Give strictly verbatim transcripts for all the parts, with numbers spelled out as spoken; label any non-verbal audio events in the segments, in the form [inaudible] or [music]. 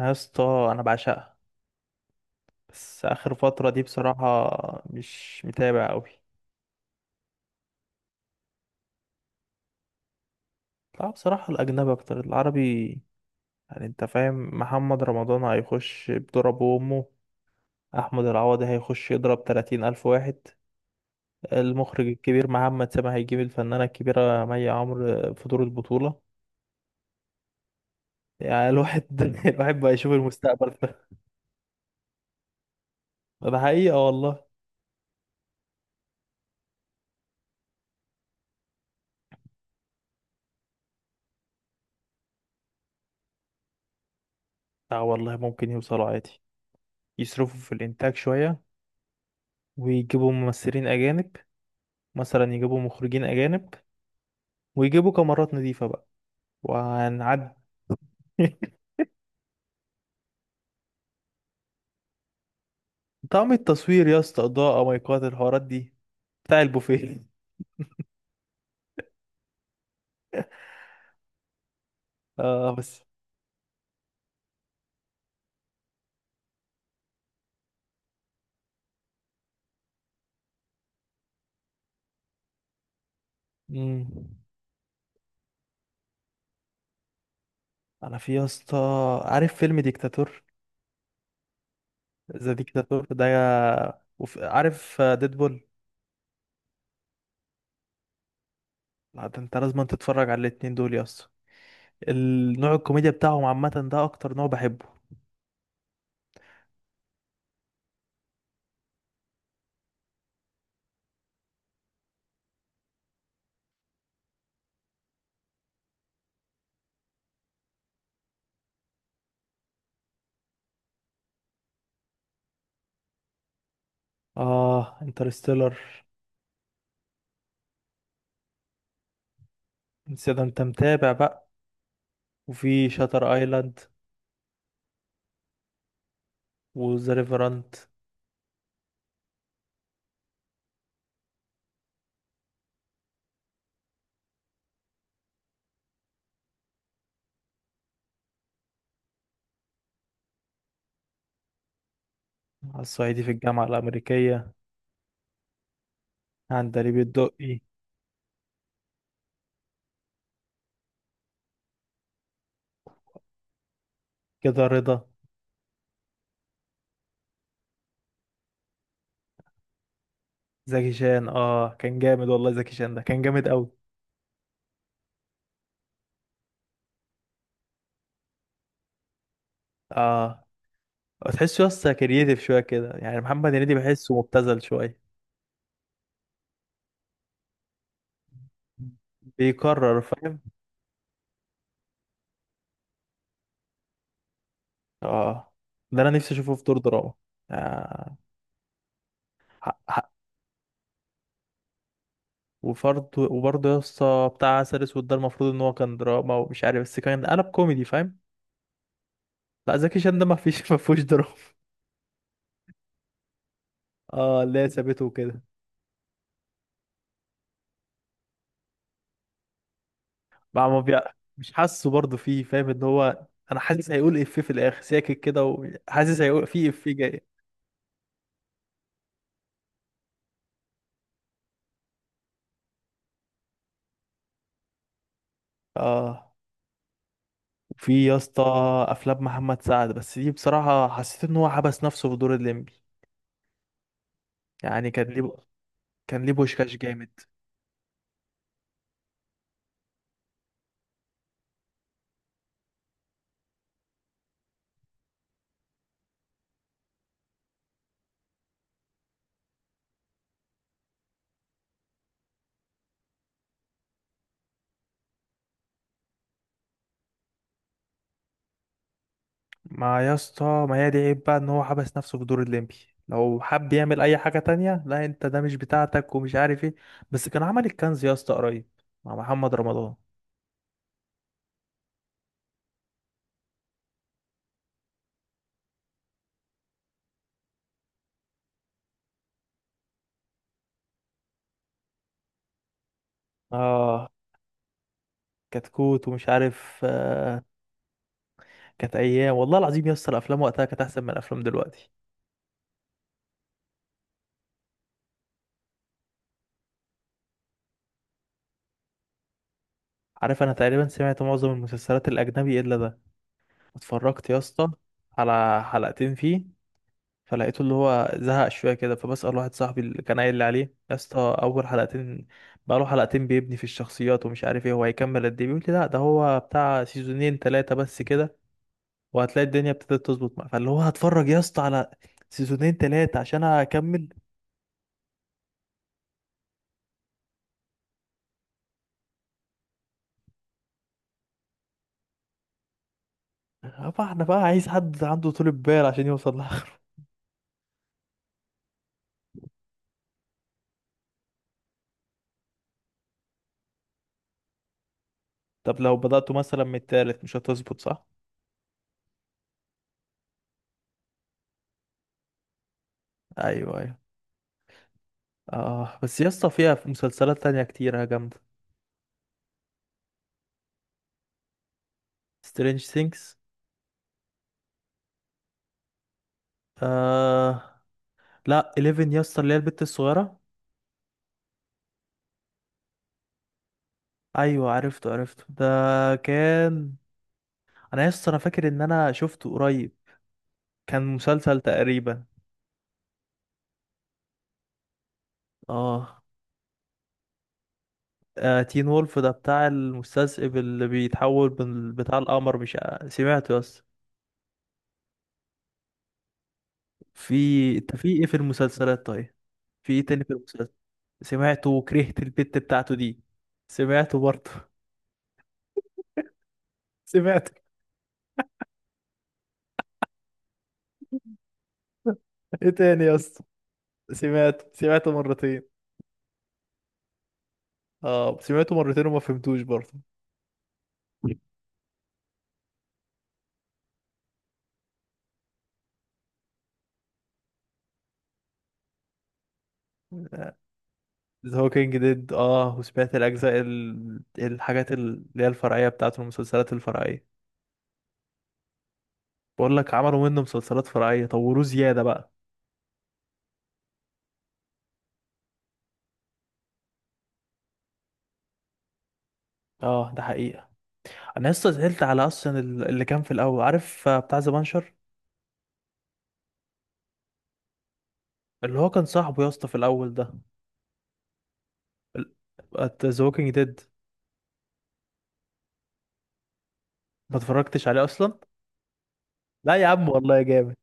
يا اسطى انا بعشقها. بس اخر فتره دي بصراحه مش متابع قوي. لا بصراحه الاجنبي اكتر العربي. يعني انت فاهم محمد رمضان هيخش بضرب امه. احمد العوضي هيخش يضرب تلاتين الف واحد. المخرج الكبير محمد سامي هيجيب الفنانه الكبيره مي عمرو في دور البطوله. يعني الواحد [laughs] الواحد بقى يشوف المستقبل ده. ده حقيقه والله. لا والله ممكن يوصلوا عادي. يصرفوا في الانتاج شويه، ويجيبوا ممثلين اجانب، مثلا يجيبوا مخرجين أجانب، ويجيبوا كاميرات نظيفة بقى وهنعدي. [laughs] طعم التصوير يا اسطى، إضاءة، مايكات، الحوارات دي بتاع البوفيه. [laughs] اه بس. مم. أنا في يا اسطى، عارف فيلم ديكتاتور؟ ذا ديكتاتور ده يا... وف... عارف ديدبول؟ لا ده انت لازم تتفرج على الاتنين دول يا اسطى. النوع الكوميديا بتاعهم عامة ده أكتر نوع بحبه. اه انترستيلر. ده انت متابع بقى. وفي شاتر ايلاند وذا ريفرنت. على الصعيدي في الجامعة الأمريكية. عندليب الدقي. كده رضا. زكي شان اه كان جامد والله. زكي شان ده كان جامد قوي. اه تحسه يسطا كرييتيف شوية كده. يعني محمد هنيدي بحسه مبتذل شوية، بيكرر فاهم. اه ده انا نفسي اشوفه في دور دراما. آه. حق حق. وفرض وبرضه يا اسطى بتاع عسل اسود ده المفروض ان هو كان دراما، ومش عارف بس كان قلب كوميدي فاهم. لا زكي شان ده ما فيش [laughs] ما فيهوش دراما. اه اللي هي سابته وكده. بقى ما بي... مش حاسه برضه فيه فاهم ان هو انا حاسس هيقول افيه في الاخر ساكت كده، وحاسس هيقول فيه افيه جاي. اه. وفي يا اسطى افلام محمد سعد، بس دي بصراحه حسيت ان هو حبس نفسه في دور الليمبي. يعني كان ليه، كان ليه بوشكاش جامد. ما يا اسطى ما هي دي عيب بقى ان هو حبس نفسه في دور الليمبي. لو حب يعمل اي حاجه تانية، لا انت ده مش بتاعتك ومش عارف ايه. بس كان عمل الكنز يا اسطى قريب، مع محمد رمضان. اه كتكوت ومش عارف آه، كانت ايام والله العظيم يا اسطى. الافلام وقتها كانت احسن من الافلام دلوقتي. عارف انا تقريبا سمعت معظم المسلسلات الاجنبي الا ده. اتفرجت يا اسطى على حلقتين فيه. فلقيته اللي هو زهق شويه كده. فبسأل واحد صاحبي اللي كان قايل لي عليه يا اسطى اول حلقتين. بقى له حلقتين بيبني في الشخصيات، ومش عارف ايه هو هيكمل قد ايه. بيقول لي لا ده هو بتاع سيزونين ثلاثه بس كده. وهتلاقي الدنيا ابتدت تظبط معاه، فاللي هو هتفرج يا اسطى على سيزونين ثلاثه عشان اكمل. طبعا انا بقى عايز حد عنده طول بال عشان يوصل. طب لو بدأتوا مثلا من التالت مش هتظبط صح؟ ايوه ايوه. اه بس يا اسطى فيها في مسلسلات تانية كتيرة جامدة. سترينج ثينكس. آه لا حداشر يا اسطى اللي هي البت الصغيرة. ايوه عرفته عرفته ده كان. انا يا اسطى انا فاكر ان انا شفته قريب. كان مسلسل تقريبا. اه، آه تين وولف ده بتاع المستذئب اللي بيتحول من بتاع القمر مش؟ سمعته يا اسطى. في انت في ايه في المسلسلات طيب؟ في ايه تاني في المسلسل؟ سمعته وكرهت البت بتاعته دي. سمعته برضه. [laughs] سمعته. ايه تاني يا اسطى؟ سمعته سمعته مرتين. اه سمعته مرتين وما فهمتوش برضه. ذا هوكينج ديد. اه وسمعت الاجزاء ال... الحاجات اللي هي الفرعيه بتاعته، المسلسلات الفرعيه. بقول لك عملوا منه مسلسلات فرعيه طوروه زياده بقى. اه ده حقيقة. انا لسه زعلت على اصلا ال- اللي كان في الاول عارف آه، بتاع ذا بانشر. اللي هو كان صاحبه يا اسطى في الاول ده. ذا ووكينج ما اتفرجتش عليه اصلا. لا يا عم والله جامد.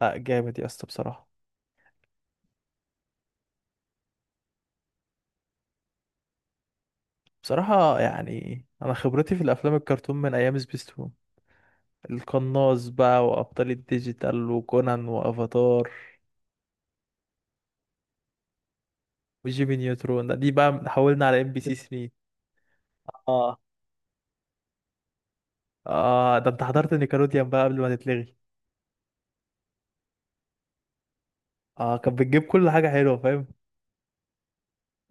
لا جامد يا اسطى بصراحه. بصراحه يعني انا خبرتي في الافلام الكرتون من ايام سبيستون. القناص بقى، وابطال الديجيتال، وكونان، وافاتار، وجيمي نيوترون. ده- دي بقى حولنا على ام بي سي تلاتة. اه. اه ده انت حضرت نيكلوديان بقى قبل ما تتلغي. اه كان بتجيب كل حاجه حلوه فاهم.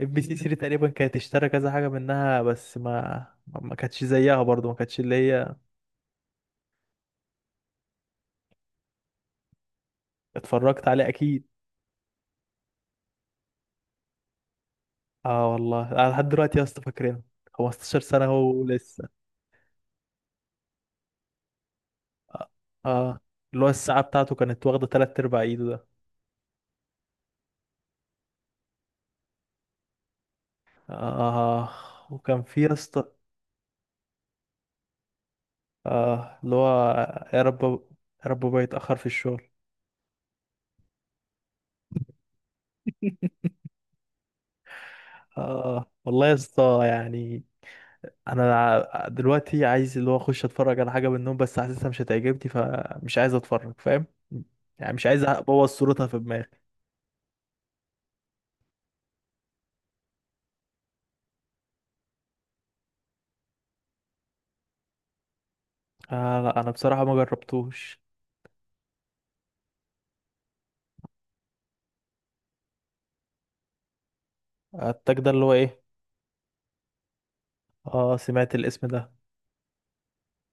ام بي سي [laughs] تلاتة تقريبا كانت اشترى كذا حاجه منها بس ما ما ما كانتش زيها برضو. ما كانتش اللي هي. اتفرجت عليه اكيد. اه والله انا لحد دلوقتي يا اسطى فاكرينه. 15 سنة هو لسه. اه آه، اللي هو الساعة بتاعته كانت واخدة تلات أرباع ايده ده. اه. وكان في يا اسطى اه اللي هو يا رب، يا رب ما يتأخر في الشغل. اه والله يا اسطى يعني. انا ع- دلوقتي عايز اللي هو اخش اتفرج على حاجة منهم، بس حاسسها مش هتعجبني فمش عايز اتفرج فاهم. يعني مش عايز ابوظ صورتها في دماغي. آه لا انا بصراحة ما جربتوش. آه، التاج ده اللي هو ايه؟ اه سمعت الاسم ده.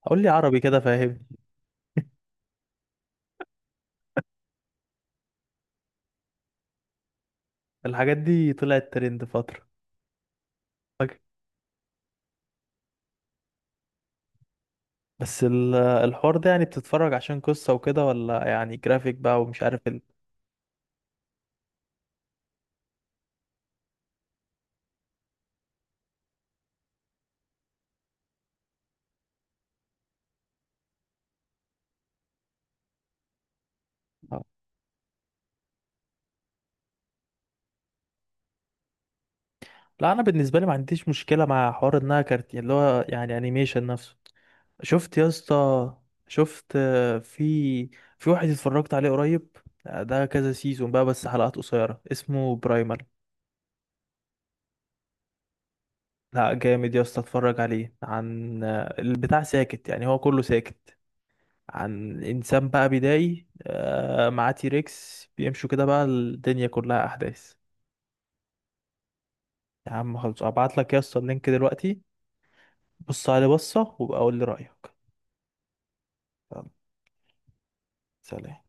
قول لي عربي كده فاهمني. الحاجات دي طلعت ترند فترة. فاكر؟ بس ال- الحوار ده يعني بتتفرج عشان قصة وكده؟ ولا يعني جرافيك بقى ومش عارف ال... آه. لا انا بالنسبة لي ما عنديش مشكلة مع حوار انها كارتين اللي هو يعني انيميشن نفسه. شفت يا اسطى؟ شفت آه، في في واحد اتفرجت عليه قريب آه، ده كذا سيزون بقى بس حلقات قصيرة اسمه برايمر. لا جامد يا اسطى. اتفرج عليه عن آه، البتاع ساكت يعني. هو كله ساكت. عن انسان بقى بدائي آه، معاه تيركس بيمشوا كده بقى الدنيا كلها احداث. يا عم خلاص ابعت لك يا اسطى اللينك دلوقتي. بص عليه بصه وبقى قول لي رايك. يلا. سلام.